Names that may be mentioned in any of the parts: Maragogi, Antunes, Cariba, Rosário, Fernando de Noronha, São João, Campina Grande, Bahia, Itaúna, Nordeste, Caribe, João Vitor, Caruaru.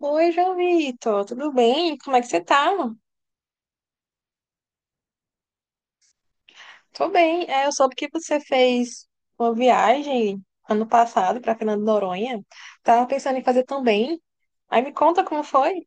Oi, João Vitor, tudo bem? Como é que você tá? Tô bem. Eu soube que você fez uma viagem ano passado para Fernando de Noronha. Tava pensando em fazer também. Aí me conta como foi.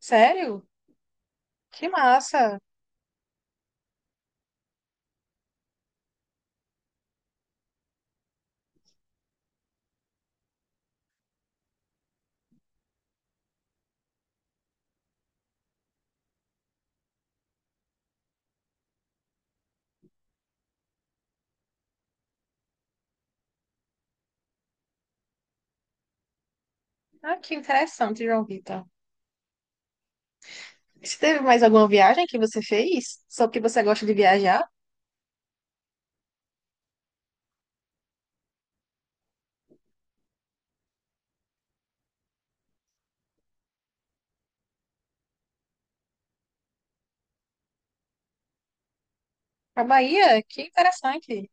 Sério? Que massa! Ah, que interessante, João Vitor. Você teve mais alguma viagem que você fez? Só porque você gosta de viajar? A Bahia? Que interessante.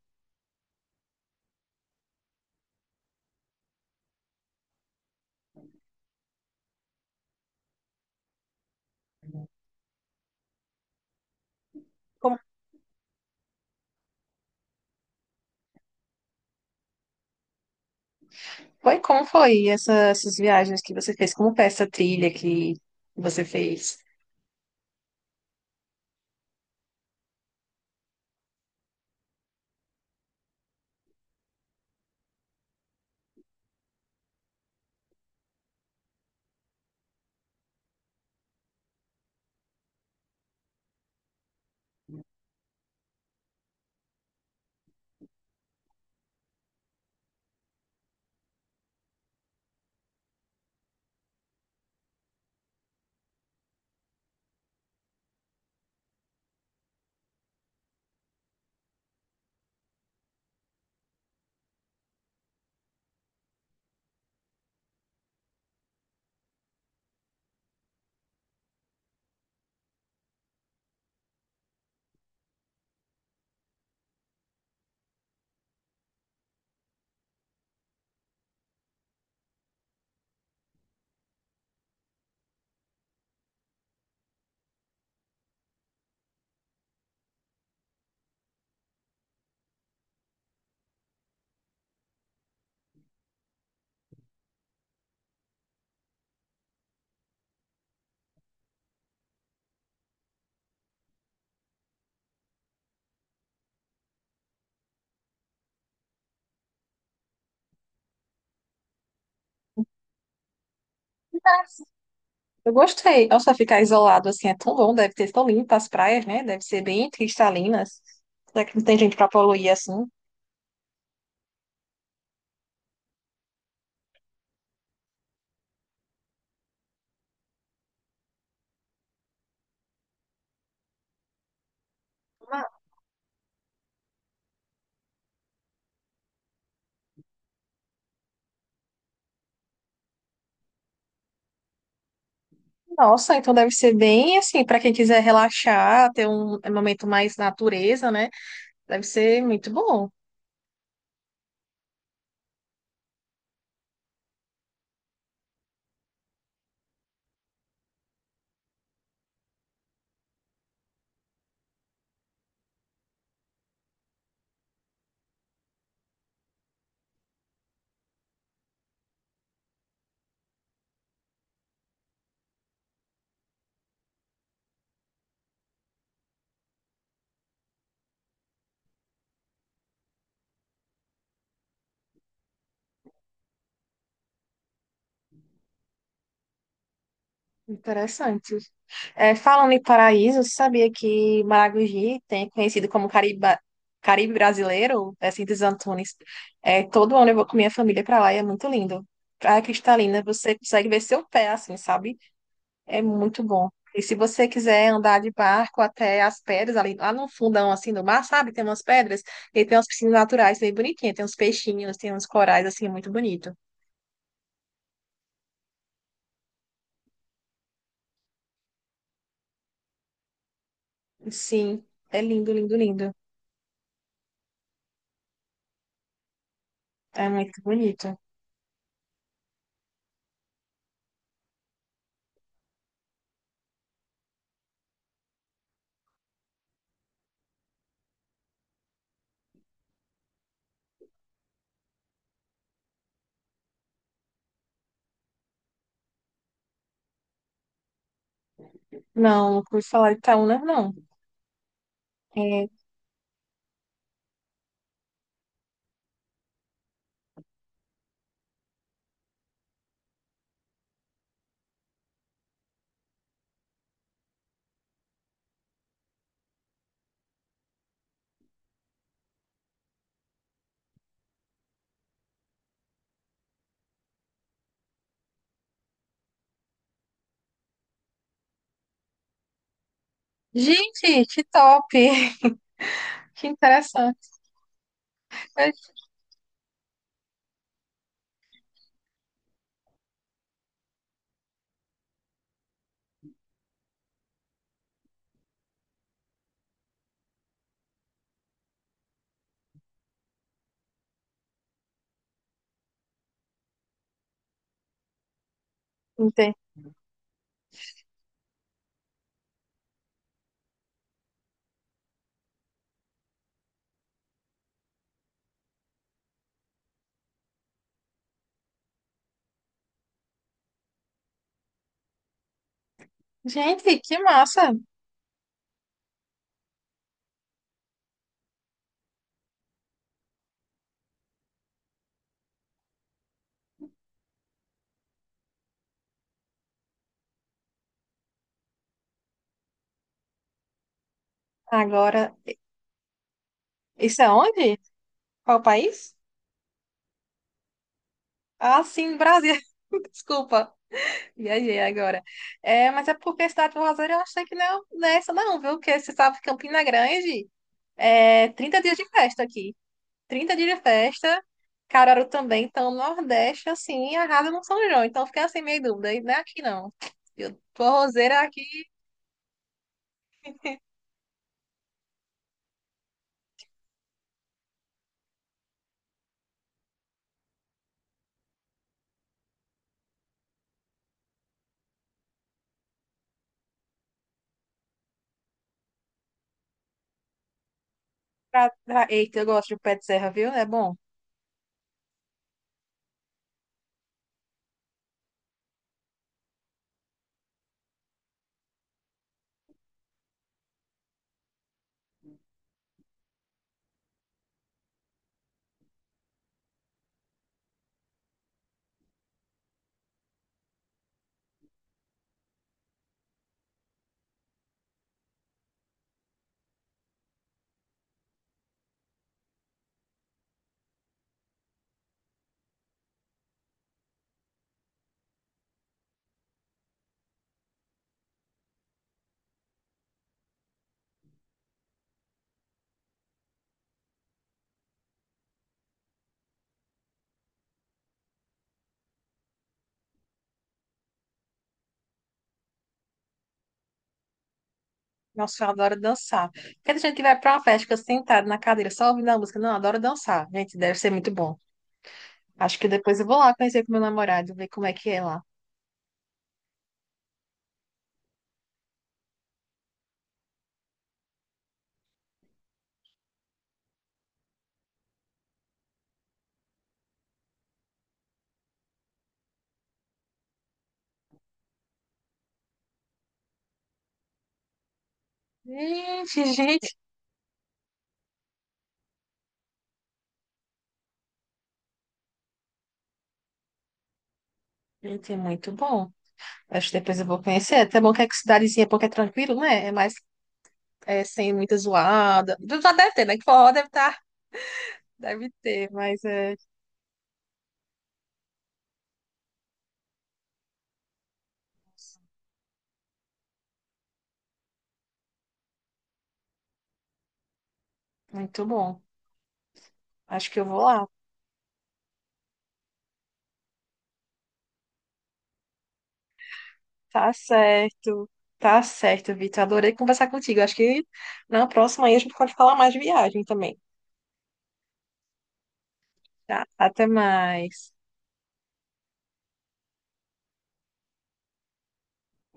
Foi, como foi essas viagens que você fez? Como foi essa trilha que você fez? Eu gostei. Nossa, ficar isolado assim é tão bom, deve ser tão limpo as praias, né? Deve ser bem cristalinas. Será que não tem gente pra poluir assim? Ah, nossa, então deve ser bem assim, pra quem quiser relaxar, ter um momento mais natureza, né? Deve ser muito bom, interessante. É, falando em paraíso, você sabia que Maragogi tem conhecido como Cariba, Caribe brasileiro, é assim dos Antunes. É, todo ano eu vou com minha família para lá e é muito lindo. Praia Cristalina, você consegue ver seu pé assim, sabe? É muito bom. E se você quiser andar de barco até as pedras ali, lá no fundão assim do mar, sabe? Tem umas pedras e tem umas piscinas naturais bem bonitinhas, tem uns peixinhos, tem uns corais assim, é muito bonito. Sim, é lindo, lindo, lindo. É muito bonito. Não, não pude falar de Itaúna, não. É, gente, que top! Que interessante. Entendi. Gente, que massa! Agora, isso é onde? Qual país? Ah, sim, Brasil. Desculpa, viajei agora. É, mas é porque a cidade do Rosário eu achei que não, não é essa não, viu? Porque você sabe que Campina Grande é 30 dias de festa aqui. 30 dias de festa, Caruaru também, então o Nordeste, assim, arrasa no São João. Então eu fiquei assim, meio dúvida. E não é aqui não. Eu tô roseira aqui Eita, eu gosto de pé de serra, viu? É bom. Nossa, eu adoro dançar. Porque gente que vai pra uma festa, fica sentado na cadeira só ouvindo a música. Não, eu adoro dançar. Gente, deve ser muito bom. Acho que depois eu vou lá conhecer com meu namorado, ver como é que é lá. Gente, gente, gente, é muito bom. Acho que depois eu vou conhecer. É até bom que é que cidadezinha, porque é tranquilo, né? É mais é, sem muita zoada. Já deve ter, né? Que forró deve estar, deve ter, mas é muito bom. Acho que eu vou lá. Tá certo. Tá certo, Vitor. Adorei conversar contigo. Acho que na próxima aí a gente pode falar mais de viagem também. Tá? Até mais.